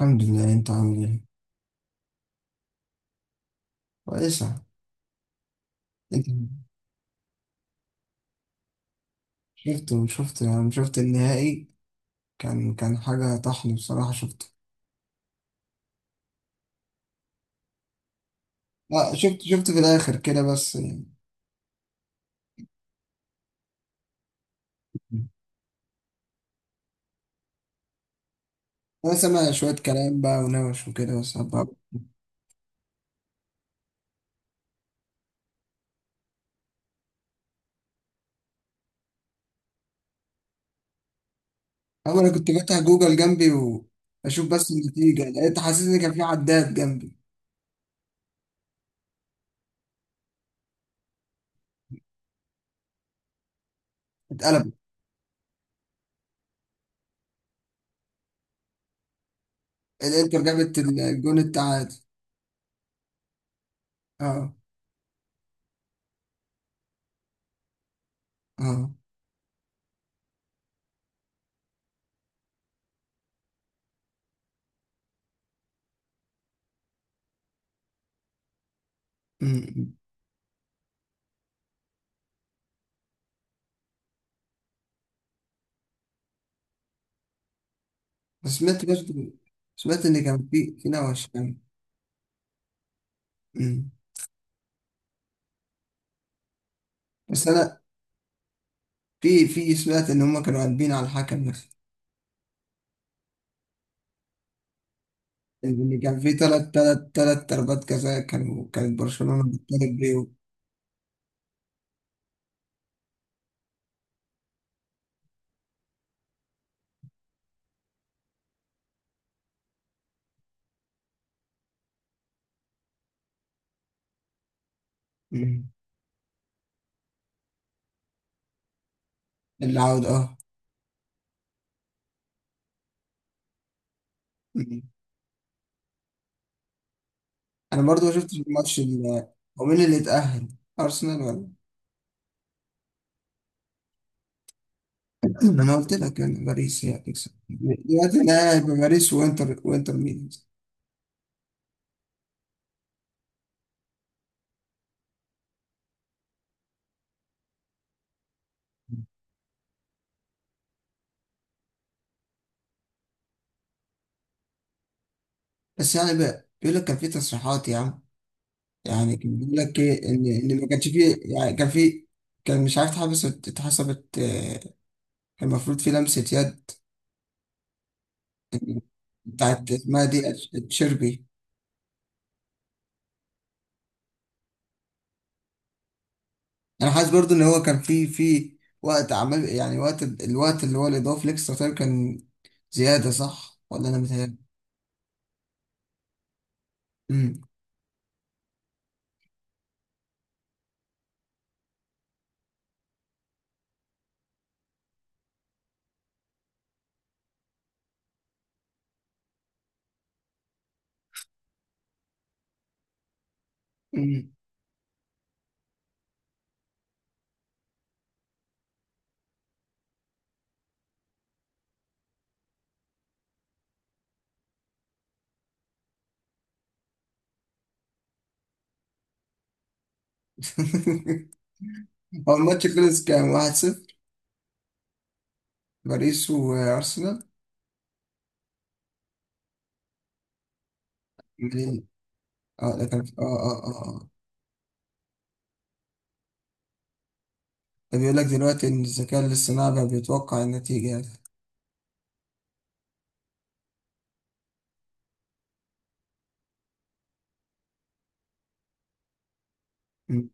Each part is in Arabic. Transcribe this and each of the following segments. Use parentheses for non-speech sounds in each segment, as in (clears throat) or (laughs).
الحمد لله. انت عامل ايه؟ كويسة. انت. شفت. شفت النهائي. كان حاجة طحن بصراحة شفته. لا شفت في الآخر كده بس يعني. أنا سامع شوية كلام بقى ونوش وكده بس أما أنا كنت فاتح جوجل جنبي وأشوف بس النتيجة، لقيت حاسس إن كان في عداد جنبي. اتقلبت. الإنتر جابت الجون التعادل. اه. اه. امم. بس سمعت برضه. سمعت إن كان في نوش يعني. امم. بس أنا في سمعت ان هم كانوا قلبين على الحكم بس. ان كان في تلات ضربات جزاء كانت برشلونة بتطالب بيه. مم. العودة اه. مم. انا برضو ما شفتش الماتش. هو مين اللي اتأهل؟ ارسنال ولا (clears throat) ما انا قلت لك يعني باريس هي هتكسب دلوقتي. انا هيبقى باريس وانتر ميلان. بس يعني بقى بيقول لك كان في تصريحات يا عم. يعني كان بيقول لك ايه، ان ما كانش فيه، يعني كان في. كان مش عارف اتحبس اتحسبت كان المفروض في لمسة يد بتاعت، اسمها دي تشيربي. انا حاسس برضو ان هو كان في وقت، عمل يعني الوقت اللي هو الاضافي الاكسترا تايم كان زياده، صح ولا انا متهيألي؟ امم. أمم. (laughs) هو الماتش خلص كام؟ 1-0؟ باريس وارسنال؟ مدريد. اه ده كان ده بيقول لك دلوقتي ان الذكاء الاصطناعي بقى بيتوقع النتيجه يعني. أمم.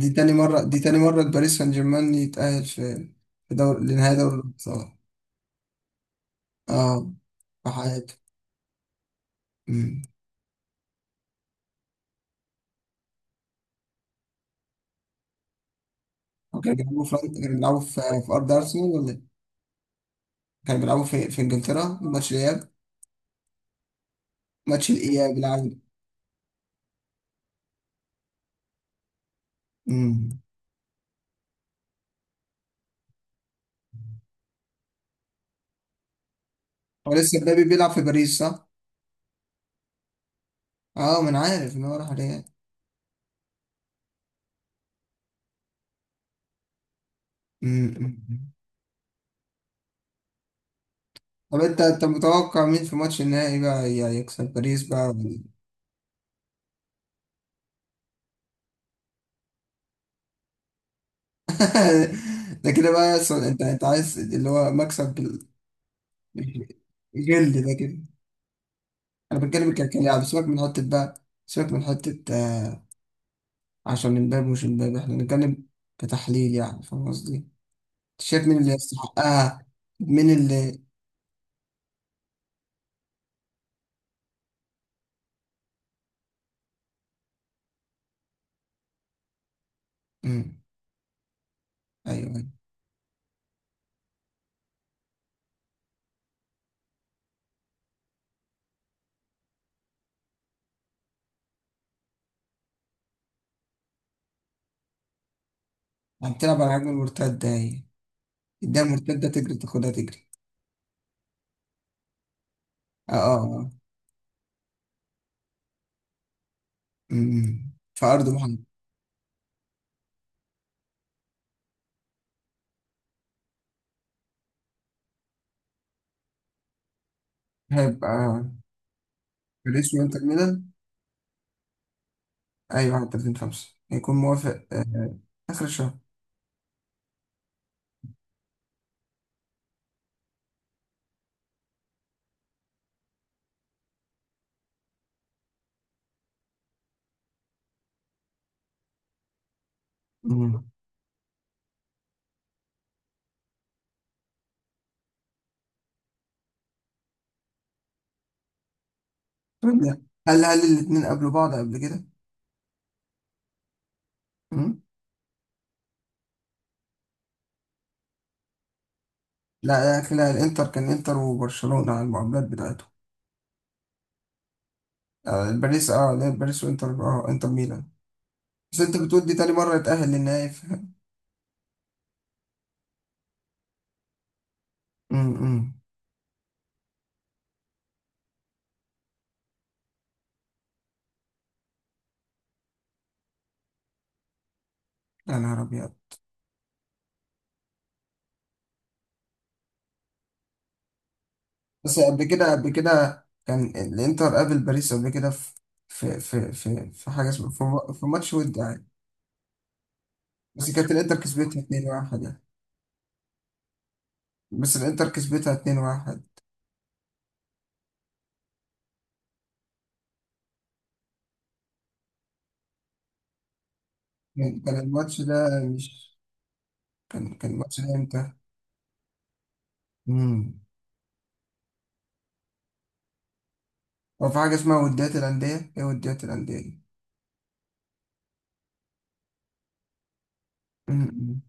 دي تاني مره باريس سان جيرمان يتأهل في في دور لنهائي دوري الابطال. اه. في حياته. كانوا بيلعبوا في لندن؟ كانوا بيلعبوا في أرض أرسنال ولا إيه؟ كانوا بيلعبوا في إنجلترا، ماتش الإياب. ماتش الإياب، العودة. أمم. هو لسه مبابي بيلعب في باريس صح؟ أه، ما أنا عارف إن هو راح الريال. أمم، أمم. طب أنت متوقع مين في ماتش النهائي بقى يكسب باريس بقى ولا- (laughs) ده كده بقى أنت عايز اللي هو مكسب جلد ده كده. أنا بتكلم كلاعب. سيبك من حتة بقى، سيبك من حتة عشان امبابي، مش امبابي احنا بنتكلم. كتحليل يعني، فاهم قصدي؟ شايف مين اللي يستحقها؟ مين اللي. امم. ايوه، ايوه. هتلعب على عجل المرتدة هي. اديها مرتدة تجري، تاخدها تجري. اه، اه. آه. امم، في أرض محمد. هيبقى باريس وإنتر ميلان. أيوة 31/5 هيكون موافق آه. آخر الشهر. امم. طيب، لا. هل الاتنين قابلوا بعض قبل كده؟ امم. لا، لا، لا، الإنتر كان إنتر وبرشلونة على المقابلات بتاعته. آه. باريس اه، لا باريس وإنتر. اه إنتر ميلان. بس أنت بتقول دي تاني مرة يتأهل للنهائي امم. يا نهار أبيض. بس قبل كده كان الإنتر قابل باريس قبل كده، في في في في في, حاجة اسمها، في ماتش ود يعني. بس كانت الإنتر كسبتها 2-1 يعني. بس الإنتر كسبتها 2-1. كان الماتش ده مش. كان الماتش ده إمتى؟ امم. هو في حاجة اسمها وديات الأندية؟ إيه وديات الأندية دي؟ أمم.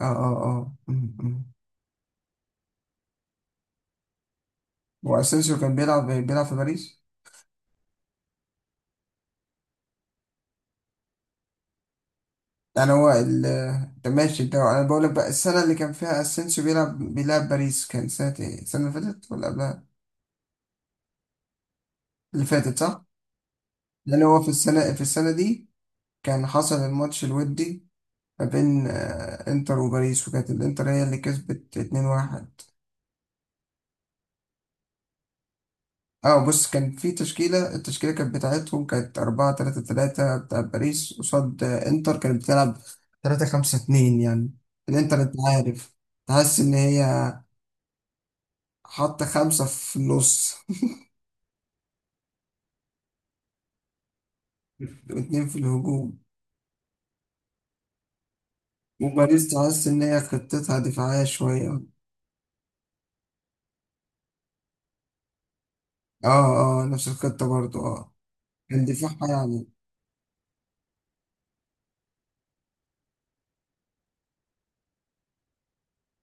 آه، آه، آه. أمم، أمم. وأسينسيو كان بيلعب في باريس. انا هو ال- انت ماشي، ده انا بقول لك بقى السنه اللي كان فيها اسينسيو بيلعب باريس، كان سنه ايه؟ السنه اللي فاتت ولا قبلها؟ اللي فاتت، صح. لان هو في السنه، في السنه دي كان حصل الماتش الودي ما بين انتر وباريس، وكانت الانتر هي اللي كسبت 2-1. اه بص، كان في تشكيله. التشكيله كانت بتاعتهم، كانت 4-3-3 بتاع باريس، قصاد انتر كانت بتلعب 3-5-2 يعني. الانتر انت عارف، تحس ان هي حط خمسة في النص واتنين في الهجوم. وباريس تحس إن هي خطتها دفاعية شوية. اه، اه، نفس الخطة برضو، اه. كان دفاعها يعني.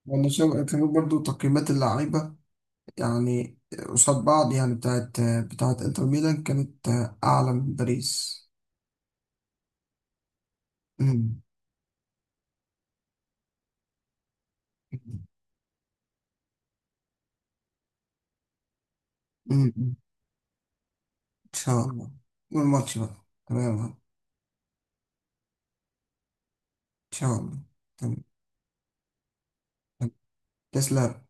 وأنا شايف كانوا برضو تقييمات اللعيبة يعني، قصاد بعض يعني، بتاعت إنتر ميلان كانت أعلى من باريس. أمم. أمم. إن شاء الله. والماتش بقى تمام إن شاء الله. تمام. تسلم.